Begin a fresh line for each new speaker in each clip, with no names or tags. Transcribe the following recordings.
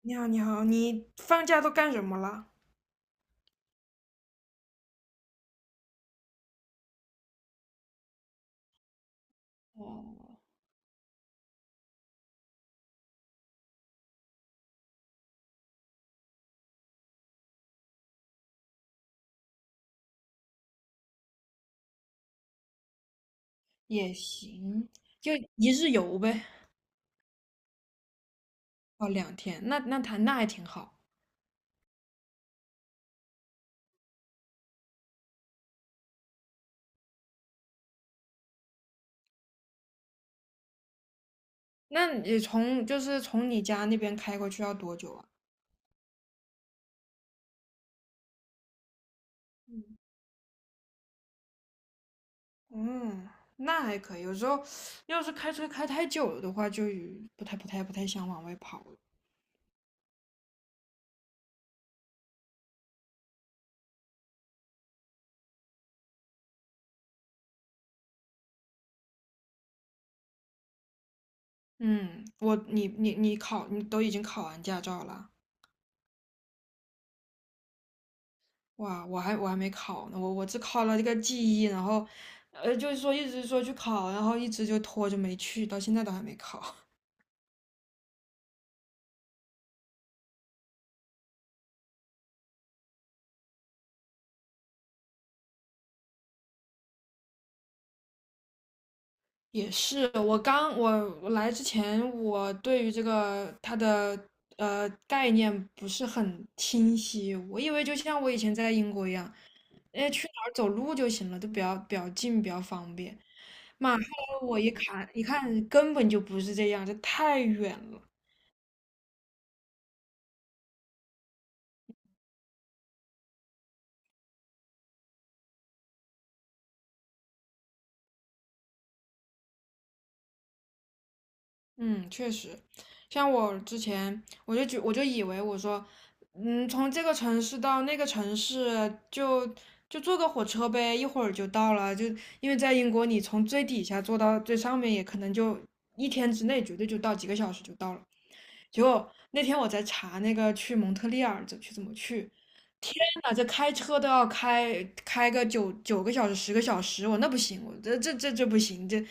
你好，你好，你放假都干什么了？哦，也行，就一日游呗。哦，两天，那他那还挺好。那你从就是从你家那边开过去要多久啊？嗯，嗯，那还可以。有时候要是开车开太久了的话，就不太想往外跑了。嗯，我你你你考你都已经考完驾照了。哇，我还没考呢，我只考了这个记忆，然后，就是说一直说去考，然后一直就拖着没去，到现在都还没考。也是，我来之前，我对于这个它的概念不是很清晰，我以为就像我以前在英国一样，哎，去哪儿走路就行了，都比较近，比较方便。妈，后来我一看一看，根本就不是这样，这太远了。嗯，确实，像我之前，我就以为我说，嗯，从这个城市到那个城市就坐个火车呗，一会儿就到了。就因为在英国，你从最底下坐到最上面，也可能就一天之内绝对就到，几个小时就到了。结果那天我在查那个去蒙特利尔怎么去，啊，这开车都要开个九个小时、10个小时，我那不行，我这不行，这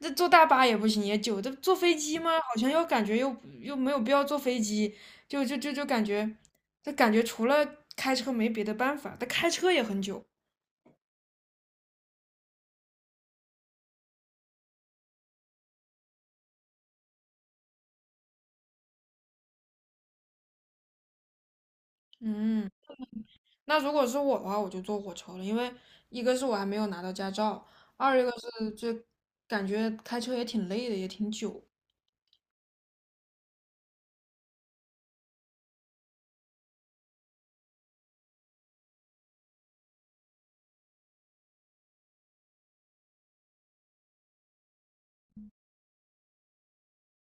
这坐大巴也不行，也久。这坐飞机吗？好像又感觉又没有必要坐飞机，就感觉，就感觉除了开车没别的办法。但开车也很久。嗯，那如果是我的话，我就坐火车了，因为一个是我还没有拿到驾照，二一个是这感觉开车也挺累的，也挺久。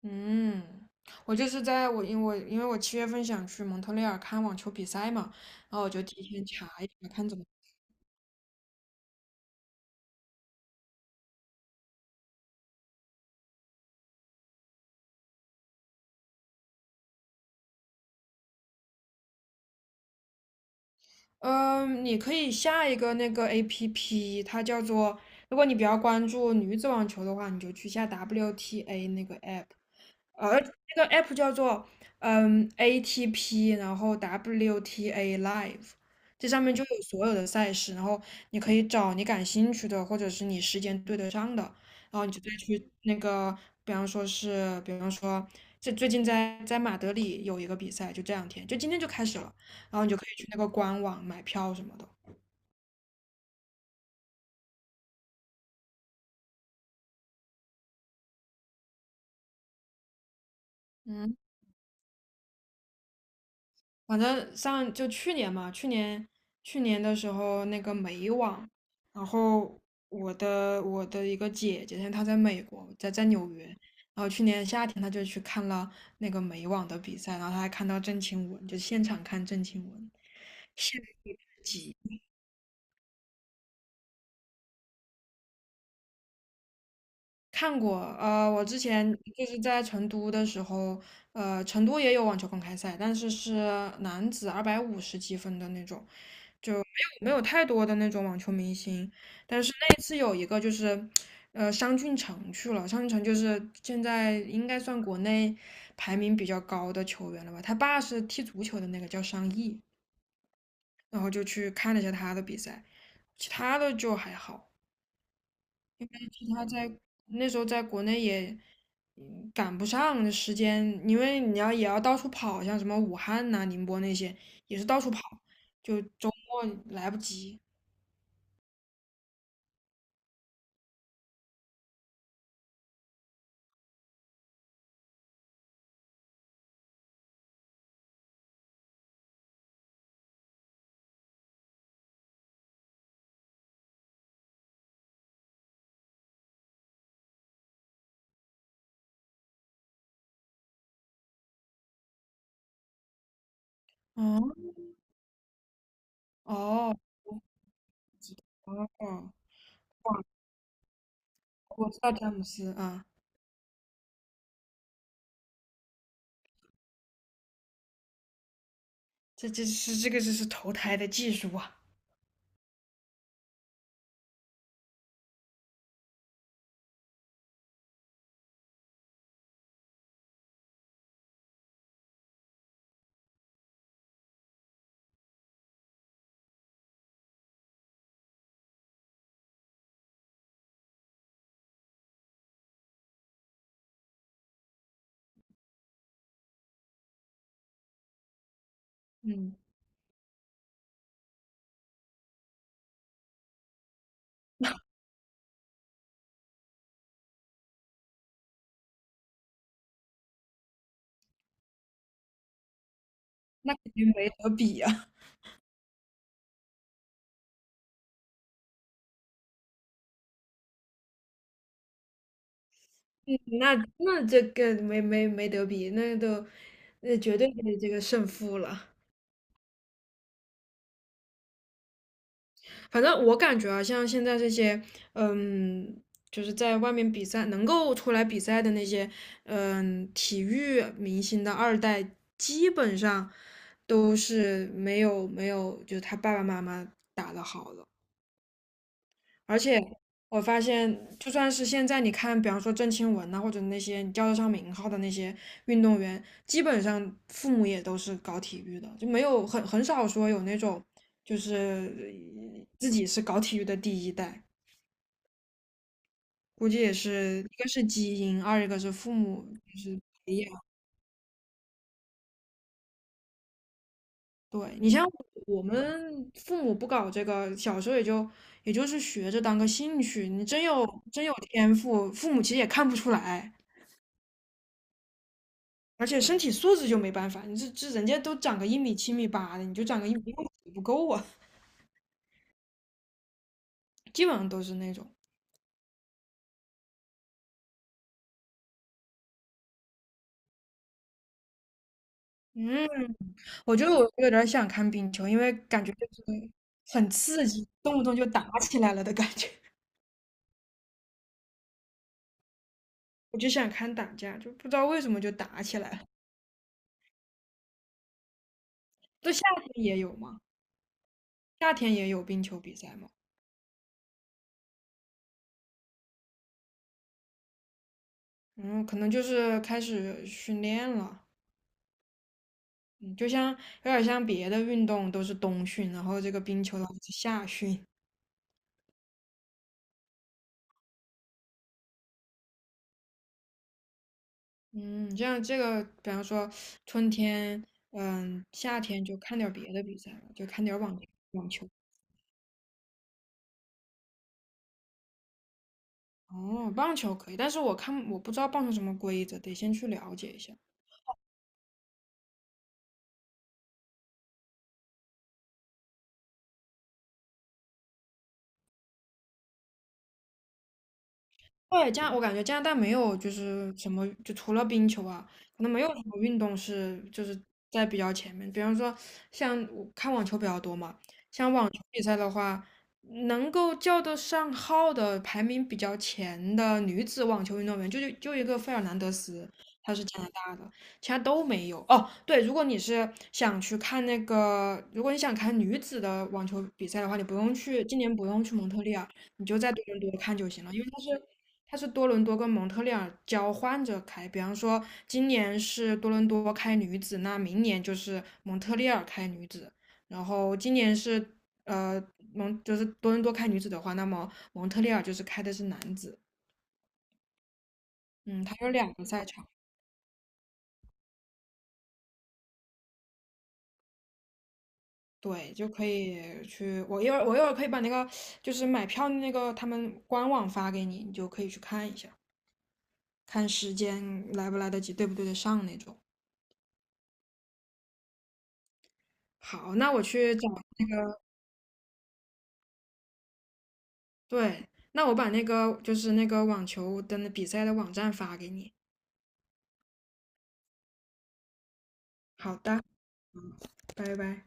嗯，我就是在我因为我因为我七月份想去蒙特利尔看网球比赛嘛，然后我就提前查一查看怎么。嗯，你可以下一个那个 APP，它叫做，如果你比较关注女子网球的话，你就去下 WTA 那个 app。而这个 app 叫做ATP，然后 WTA Live，这上面就有所有的赛事，然后你可以找你感兴趣的，或者是你时间对得上的，然后你就再去那个，比方说是，比方说这最近在马德里有一个比赛，就这两天，就今天就开始了，然后你就可以去那个官网买票什么的。嗯。反正上就去年嘛，去年的时候那个美网，然后我的一个姐姐，她在美国，在纽约，然后去年夏天她就去看了那个美网的比赛，然后她还看到郑钦文，就现场看郑钦文，羡慕至极看过，我之前就是在成都的时候，成都也有网球公开赛，但是是男子250积分的那种，没有太多的那种网球明星，但是那一次有一个就是，商俊成去了。商俊成就是现在应该算国内排名比较高的球员了吧？他爸是踢足球的那个叫商毅，然后就去看了一下他的比赛，其他的就还好。其他在那时候在国内也赶不上时间，因为你要也要到处跑，像什么武汉呐、宁波那些也是到处跑，就周末来不及。嗯，哦。哦，哦，我知道詹姆斯啊，这是这个就是投胎的技术啊，嗯，那肯定没得比啊，嗯，那这个没得比，那绝对的这个胜负了。反正我感觉啊，像现在这些，嗯，就是在外面比赛能够出来比赛的那些，嗯，体育明星的二代，基本上都是没有，就是他爸爸妈妈打的好的。而且我发现，就算是现在你看，比方说郑钦文呐、或者那些你叫得上名号的那些运动员，基本上父母也都是搞体育的，就没有很少说有那种就是自己是搞体育的第一代，估计也是一个是基因，二一个是父母就是培养。对你像我们父母不搞这个，小时候也就是学着当个兴趣，你真有天赋，父母其实也看不出来。而且身体素质就没办法，你这人家都长个一米七米八的，你就长个一米六不够啊，基本上都是那种。嗯，我觉得我有点想看冰球，因为感觉就是很刺激，动不动就打起来了的感觉。我就想看打架，就不知道为什么就打起来了。这夏天也有吗？夏天也有冰球比赛吗？嗯，可能就是开始训练了。嗯，就像有点像别的运动都是冬训，然后这个冰球它是夏训。嗯，这样这个，比方说春天，嗯，夏天就看点儿别的比赛了，就看点儿网球。哦，棒球可以，但是我看我不知道棒球什么规则，得先去了解一下。对，我感觉加拿大没有就是什么，就除了冰球啊，可能没有什么运动是就是在比较前面。比方说像我看网球比较多嘛，像网球比赛的话，能够叫得上号的排名比较前的女子网球运动员，就一个费尔南德斯，她是加拿大的，其他都没有。哦，对，如果你是想去看那个，如果你想看女子的网球比赛的话，你不用去，今年不用去蒙特利尔。你就在多伦多看就行了，因为它是多伦多跟蒙特利尔交换着开，比方说今年是多伦多开女子，那明年就是蒙特利尔开女子，然后今年是呃就是多伦多开女子的话，那么蒙特利尔就是开的是男子，嗯，它有两个赛场，对，就可以去我一会儿我一会儿可以把那个就是买票那个他们官网发给你，你就可以去看一下，看时间来不来得及，对不对得上那种。好，那我去找。对，那我把那个就是那个网球的那比赛的网站发给你。好的，嗯拜拜。